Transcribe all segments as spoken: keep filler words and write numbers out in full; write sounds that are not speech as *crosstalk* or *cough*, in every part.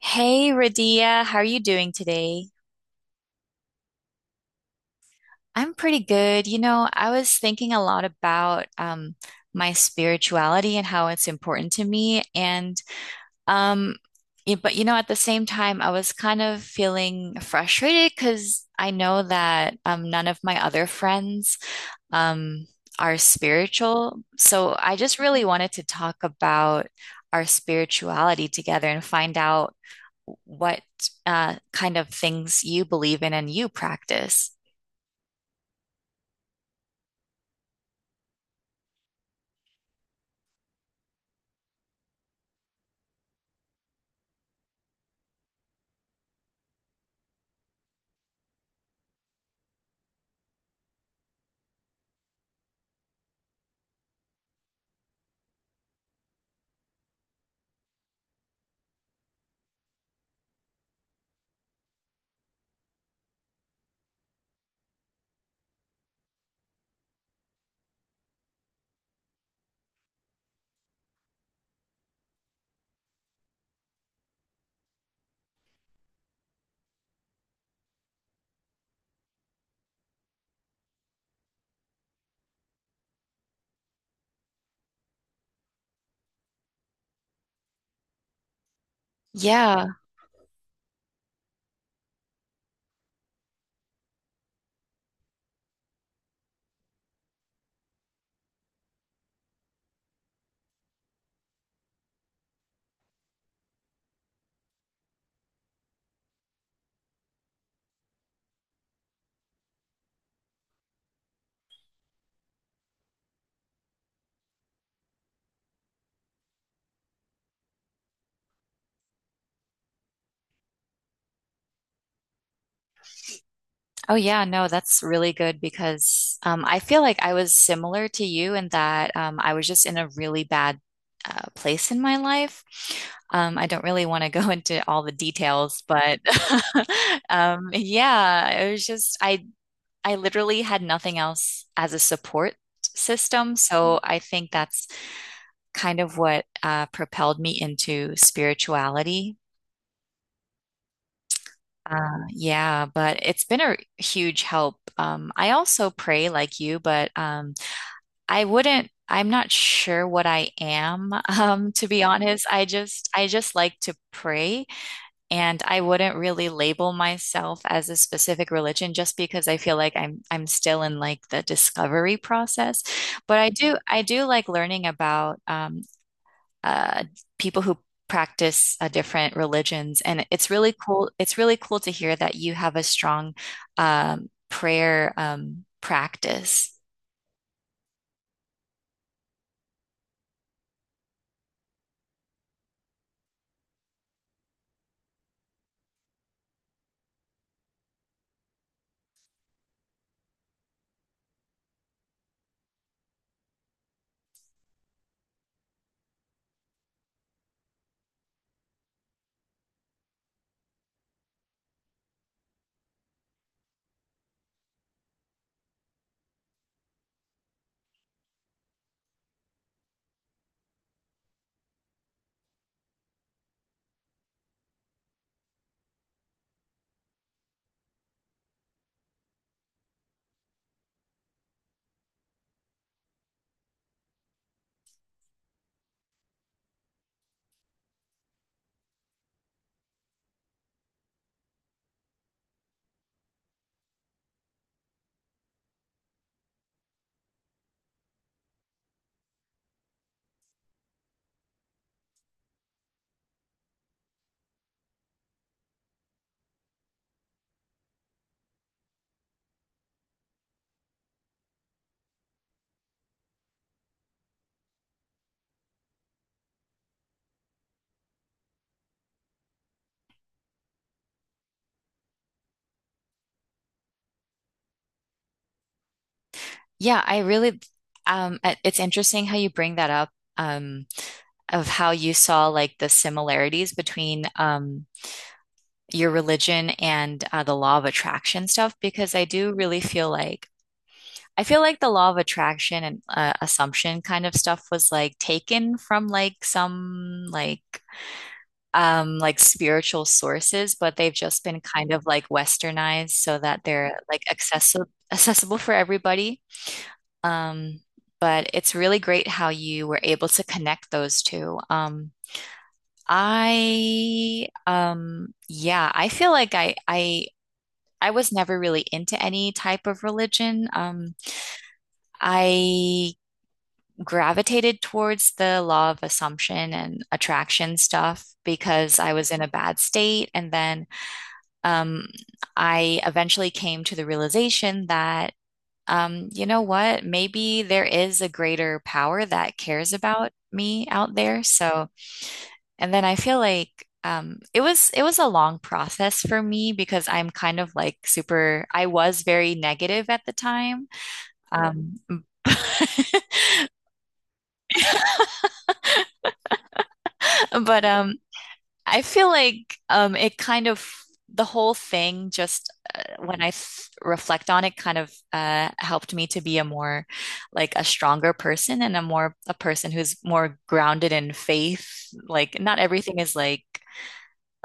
Hey, Radia, how are you doing today? I'm pretty good. You know, I was thinking a lot about um, my spirituality and how it's important to me. And, um, yeah, but you know, at the same time, I was kind of feeling frustrated because I know that um, none of my other friends um, are spiritual. So I just really wanted to talk about our spirituality together and find out what uh, kind of things you believe in and you practice. Yeah. Oh, yeah. No, that's really good because um, I feel like I was similar to you in that um, I was just in a really bad uh, place in my life. Um, I don't really want to *laughs* go into all the details, but *laughs* um, yeah, it was just, I I literally had nothing else as a support system. So I think that's kind of what uh, propelled me into spirituality. Uh, yeah, but it's been a huge help. Um, I also pray like you, but um, I wouldn't, I'm not sure what I am, *laughs* um, to be honest. I just, I just like to pray. And I wouldn't really label myself as a specific religion just because I feel like I'm I'm still in like the discovery process. But I do I do like learning about um, uh, people who practice uh, different religions, and it's really cool. It's really cool to hear that you have a strong um, prayer um, practice. Yeah, I really. Um, it- it's interesting how you bring that up. Um, of how you saw like the similarities between um, your religion and uh, the law of attraction stuff because I do really feel like I feel like the law of attraction and uh, assumption kind of stuff was like taken from like some like um like spiritual sources, but they've just been kind of like westernized so that they're like accessible accessible for everybody. Um, but it's really great how you were able to connect those two. Um, I um yeah, I feel like I I I was never really into any type of religion. Um, I gravitated towards the law of assumption and attraction stuff because I was in a bad state. And then um, I eventually came to the realization that, um, you know what, maybe there is a greater power that cares about me out there. So and then I feel like um, it was it was a long process for me because I'm kind of like super, I was very negative at the time. Um, *laughs* but um, I feel like um, it kind of the whole thing just uh, when I th reflect on it kind of uh, helped me to be a more like a stronger person and a more a person who's more grounded in faith. Like not everything is like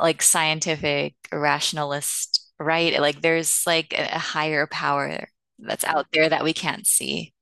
like scientific rationalist, right? Like there's like a higher power that's out there that we can't see.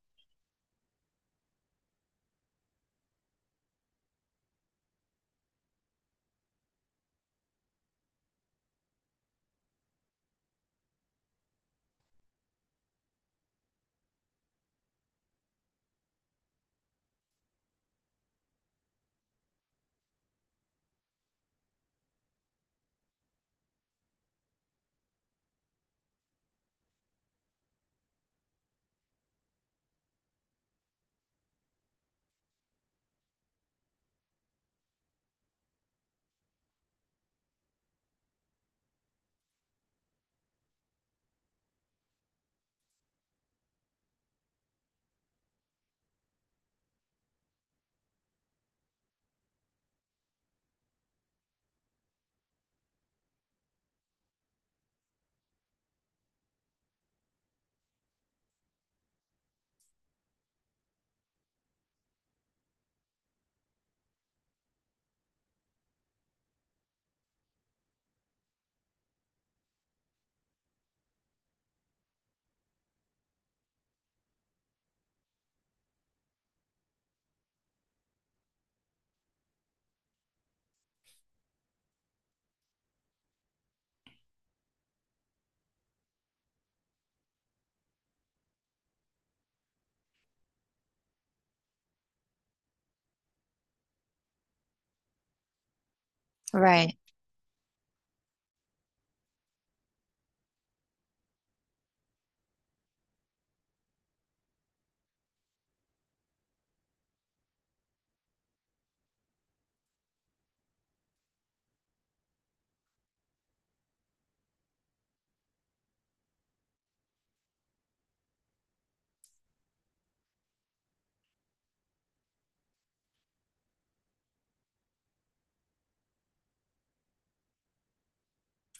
Right,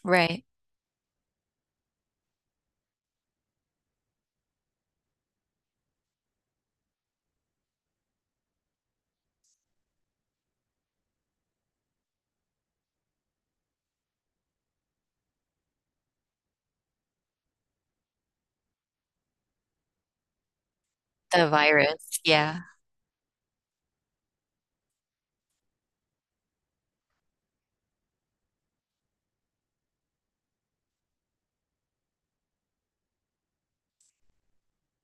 right. The virus. Yeah.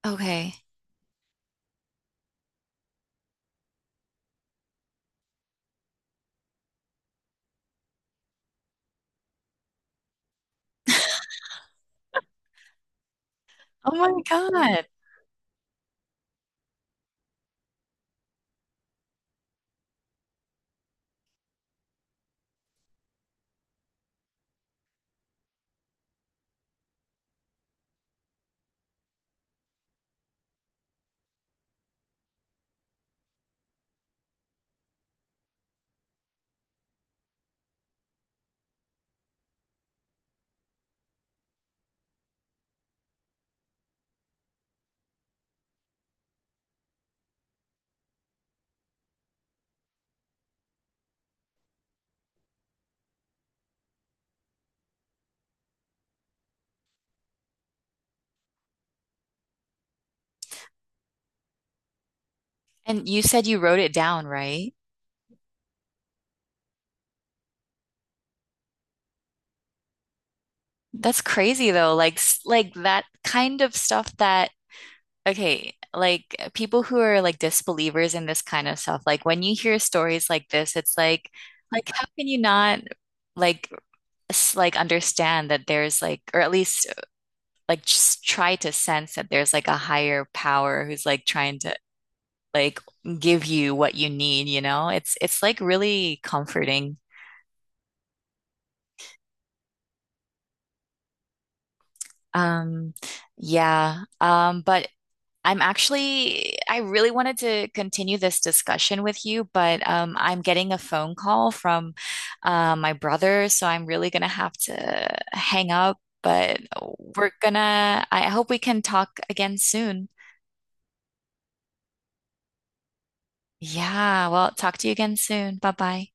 Okay. Oh my God. And you said you wrote it down, right? That's crazy though. Like s- like that kind of stuff that okay, like uh, people who are like disbelievers in this kind of stuff, like when you hear stories like this, it's like, like how can you not like s- like understand that there's like, or at least like just try to sense that there's like a higher power who's like trying to like give you what you need, you know? It's it's like really comforting. Um, yeah. Um, but I'm actually, I really wanted to continue this discussion with you, but um, I'm getting a phone call from uh, my brother, so I'm really gonna have to hang up. But we're gonna, I hope we can talk again soon. Yeah, well, talk to you again soon. Bye bye.